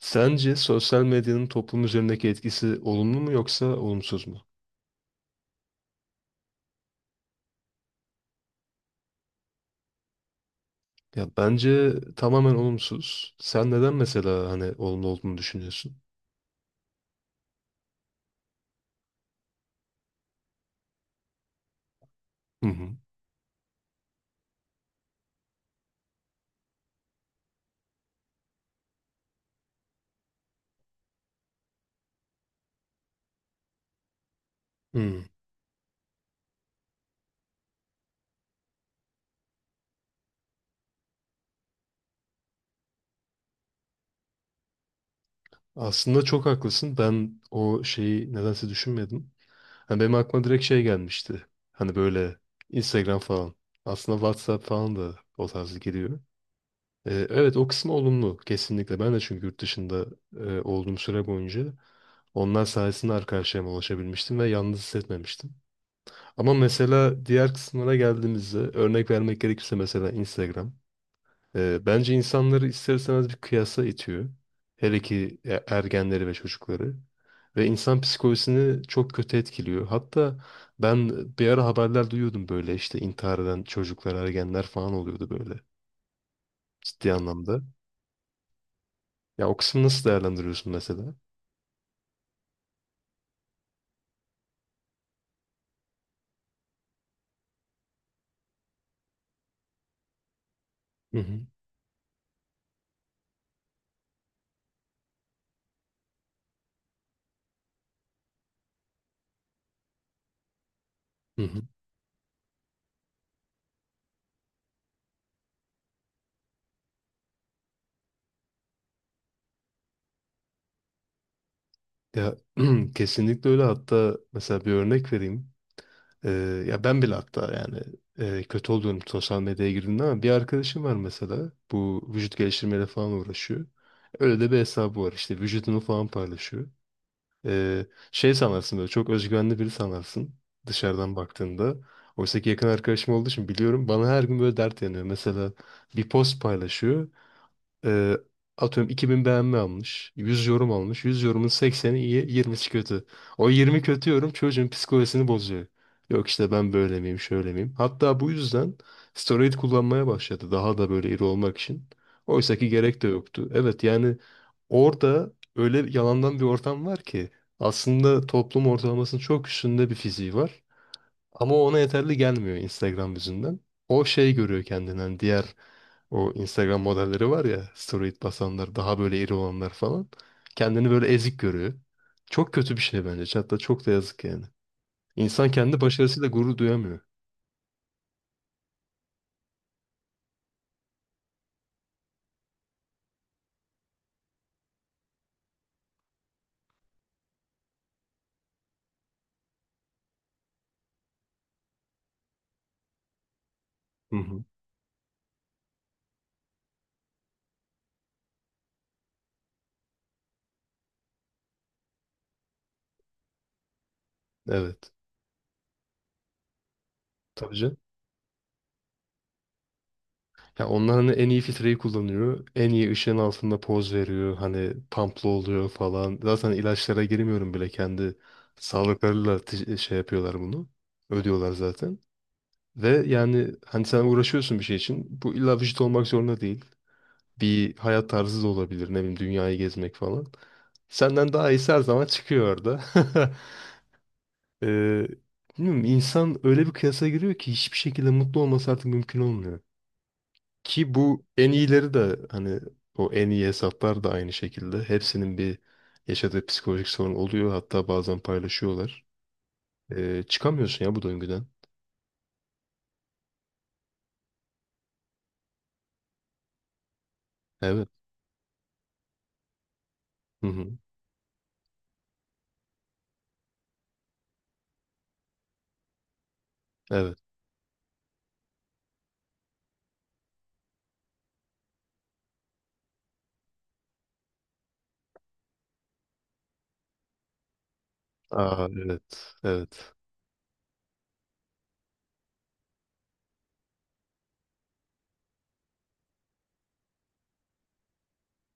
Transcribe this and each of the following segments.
Sence sosyal medyanın toplum üzerindeki etkisi olumlu mu yoksa olumsuz mu? Ya bence tamamen olumsuz. Sen neden mesela hani olumlu olduğunu düşünüyorsun? Hı hı. Hı. Aslında çok haklısın. Ben o şeyi nedense düşünmedim. Hani benim aklıma direkt şey gelmişti. Hani böyle Instagram falan. Aslında WhatsApp falan da o tarzı geliyor. Evet, o kısmı olumlu kesinlikle. Ben de çünkü yurt dışında olduğum süre boyunca onlar sayesinde arkadaşlarıma ulaşabilmiştim ve yalnız hissetmemiştim. Ama mesela diğer kısımlara geldiğimizde örnek vermek gerekirse mesela Instagram. Bence insanları ister istemez bir kıyasa itiyor. Hele ki ergenleri ve çocukları. Ve insan psikolojisini çok kötü etkiliyor. Hatta ben bir ara haberler duyuyordum böyle işte intihar eden çocuklar, ergenler falan oluyordu böyle ciddi anlamda. Ya o kısmı nasıl değerlendiriyorsun mesela? Hı hı. Hı hı. Ya kesinlikle öyle. Hatta mesela bir örnek vereyim. Ya ben bile hatta yani kötü olduğum sosyal medyaya girdiğimde ama bir arkadaşım var mesela. Bu vücut geliştirmeyle falan uğraşıyor. Öyle de bir hesabı var işte vücudunu falan paylaşıyor. Ee, Şey sanarsın böyle çok özgüvenli biri sanarsın dışarıdan baktığında. Oysa ki yakın arkadaşım olduğu için biliyorum bana her gün böyle dert yanıyor. Mesela bir post paylaşıyor. Ee, Atıyorum 2000 beğenme almış. 100 yorum almış. 100 yorumun 80'i iyi, 20'si kötü. O 20 kötü yorum çocuğun psikolojisini bozuyor. Yok işte ben böyle miyim, şöyle miyim? Hatta bu yüzden steroid kullanmaya başladı. Daha da böyle iri olmak için. Oysa ki gerek de yoktu. Evet yani orada öyle yalandan bir ortam var ki aslında toplum ortalamasının çok üstünde bir fiziği var. Ama ona yeterli gelmiyor Instagram yüzünden. O şey görüyor kendinden. Diğer o Instagram modelleri var ya, steroid basanlar, daha böyle iri olanlar falan. Kendini böyle ezik görüyor. Çok kötü bir şey bence. Hatta çok da yazık yani. İnsan kendi başarısıyla gurur duyamıyor. Hı hı. Evet. Tabii canım. Ya onlar hani en iyi filtreyi kullanıyor. En iyi ışığın altında poz veriyor. Hani pamplı oluyor falan. Zaten ilaçlara girmiyorum bile. Kendi sağlıklarıyla şey yapıyorlar bunu. Ödüyorlar zaten. Ve yani hani sen uğraşıyorsun bir şey için. Bu illa vücut olmak zorunda değil. Bir hayat tarzı da olabilir. Ne bileyim dünyayı gezmek falan. Senden daha iyisi her zaman çıkıyor orada. ee, Bilmiyorum, insan öyle bir kıyasa giriyor ki hiçbir şekilde mutlu olması artık mümkün olmuyor. Ki bu en iyileri de hani o en iyi hesaplar da aynı şekilde. Hepsinin bir yaşadığı psikolojik sorun oluyor. Hatta bazen paylaşıyorlar. Çıkamıyorsun ya bu döngüden. Evet. Hı hı. Evet. Aa, evet. Evet.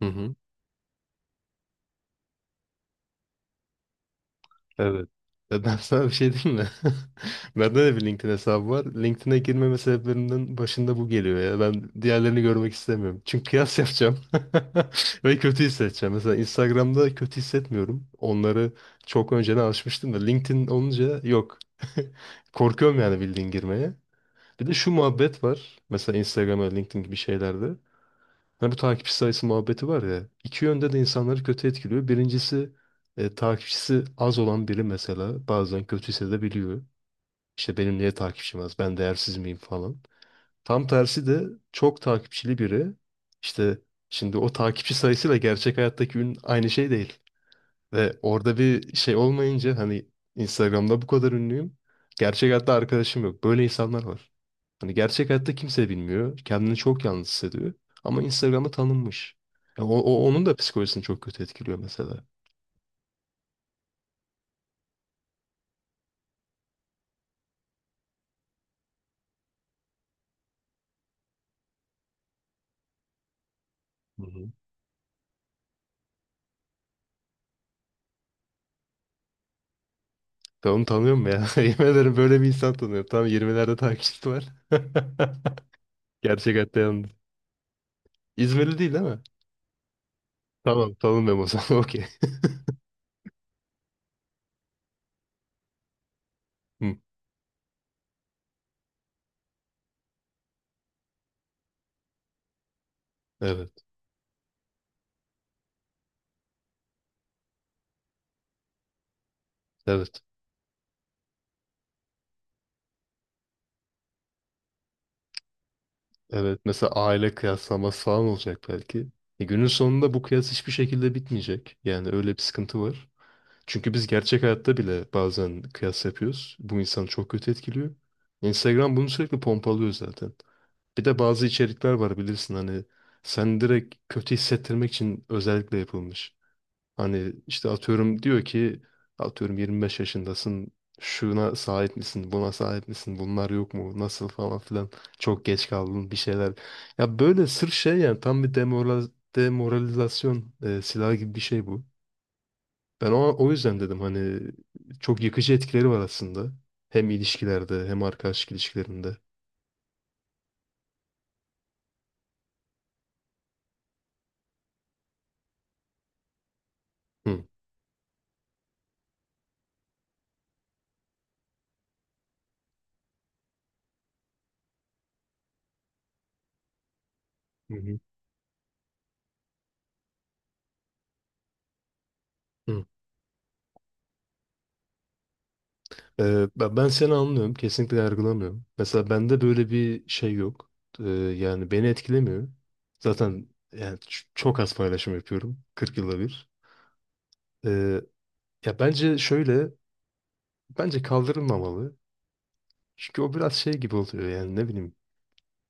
Hı hı. Evet. Ya ben sana bir şey diyeyim mi? Bende de bir LinkedIn hesabı var. LinkedIn'e girmeme sebeplerinden başında bu geliyor ya. Ben diğerlerini görmek istemiyorum. Çünkü kıyas yapacağım. Ve kötü hissedeceğim. Mesela Instagram'da kötü hissetmiyorum. Onları çok önceden alışmıştım da LinkedIn olunca yok. Korkuyorum yani bildiğin girmeye. Bir de şu muhabbet var. Mesela Instagram'a, LinkedIn gibi şeylerde. Hani bu takipçi sayısı muhabbeti var ya. İki yönde de insanları kötü etkiliyor. Birincisi takipçisi az olan biri mesela bazen kötü hissedebiliyor. İşte benim niye takipçim az? Ben değersiz miyim falan. Tam tersi de çok takipçili biri işte şimdi o takipçi sayısıyla gerçek hayattaki ün aynı şey değil. Ve orada bir şey olmayınca hani Instagram'da bu kadar ünlüyüm. Gerçek hayatta arkadaşım yok. Böyle insanlar var. Hani gerçek hayatta kimse bilmiyor. Kendini çok yalnız hissediyor. Ama Instagram'da tanınmış. Ya onun da psikolojisini çok kötü etkiliyor mesela. Hı hı. Ben onu tanıyorum ya. Yemin ederim böyle bir insan tanıyorum. Tam 20'lerde takipçisi var. Gerçek hayatta yalnız. İzmirli değil değil mi? Tamam, tanımıyorum o zaman. Okey. Hı. Evet. Evet. Evet. Mesela aile kıyaslaması falan olacak belki. E günün sonunda bu kıyas hiçbir şekilde bitmeyecek. Yani öyle bir sıkıntı var. Çünkü biz gerçek hayatta bile bazen kıyas yapıyoruz. Bu insanı çok kötü etkiliyor. Instagram bunu sürekli pompalıyor zaten. Bir de bazı içerikler var bilirsin hani sen direkt kötü hissettirmek için özellikle yapılmış. Hani işte atıyorum diyor ki atıyorum 25 yaşındasın şuna sahip misin buna sahip misin bunlar yok mu nasıl falan filan çok geç kaldın bir şeyler. Ya böyle sırf şey yani tam bir demoralizasyon silahı gibi bir şey bu. Ben o yüzden dedim hani çok yıkıcı etkileri var aslında. Hem ilişkilerde hem arkadaşlık ilişkilerinde. Hı. Hı hı. Hı. Ben seni anlıyorum. Kesinlikle yargılamıyorum. Mesela bende böyle bir şey yok. Ee, Yani beni etkilemiyor. Zaten yani çok az paylaşım yapıyorum. 40 yılda bir. Ee, Ya bence şöyle. Bence kaldırılmamalı. Çünkü o biraz şey gibi oluyor yani ne bileyim.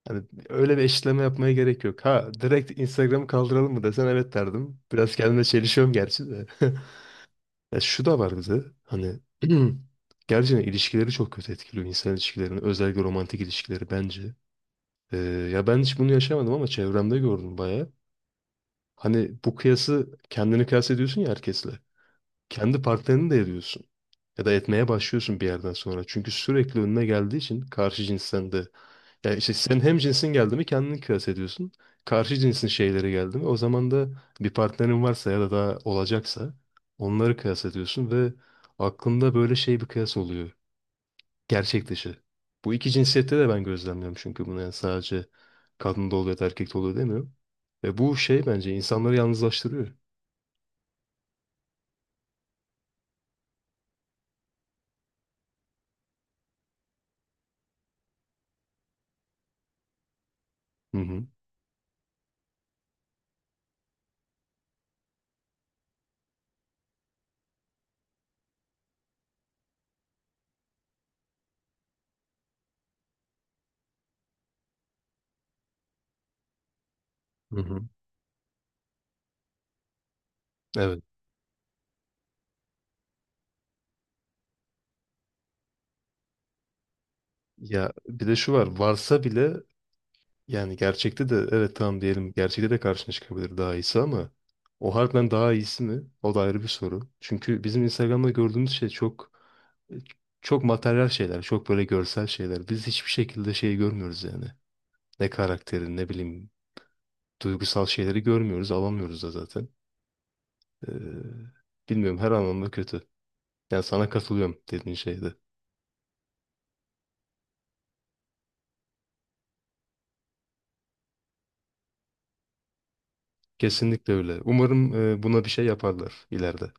Hani öyle bir eşitleme yapmaya gerek yok. Ha direkt Instagram'ı kaldıralım mı desen evet derdim. Biraz kendime çelişiyorum gerçi de. Ya şu da var bize. Hani gerçekten ilişkileri çok kötü etkiliyor. İnsan ilişkilerini. Özellikle romantik ilişkileri bence. Ee, Ya ben hiç bunu yaşamadım ama çevremde gördüm bayağı. Hani bu kıyası kendini kıyas ediyorsun ya herkesle. Kendi partnerini de ediyorsun. Ya da etmeye başlıyorsun bir yerden sonra. Çünkü sürekli önüne geldiği için karşı cinsten de ya işte sen hem cinsin geldi mi kendini kıyas ediyorsun. Karşı cinsin şeyleri geldi mi o zaman da bir partnerin varsa ya da daha olacaksa onları kıyas ediyorsun ve aklında böyle şey bir kıyas oluyor. Gerçek dışı. Bu iki cinsiyette de ben gözlemliyorum çünkü bunu yani sadece kadında oluyor ya da erkekte oluyor demiyorum. Ve bu şey bence insanları yalnızlaştırıyor. Hı hı. Hı hı. Evet. Ya bir de şu var varsa bile. Yani gerçekte de evet tamam diyelim gerçekte de karşına çıkabilir daha iyisi ama o harbiden daha iyisi mi? O da ayrı bir soru. Çünkü bizim Instagram'da gördüğümüz şey çok çok materyal şeyler, çok böyle görsel şeyler. Biz hiçbir şekilde şeyi görmüyoruz yani. Ne karakterin, ne bileyim duygusal şeyleri görmüyoruz, alamıyoruz da zaten. Ee, Bilmiyorum, her anlamda kötü. Yani sana katılıyorum dediğin şeyde. Kesinlikle öyle. Umarım buna bir şey yaparlar ileride.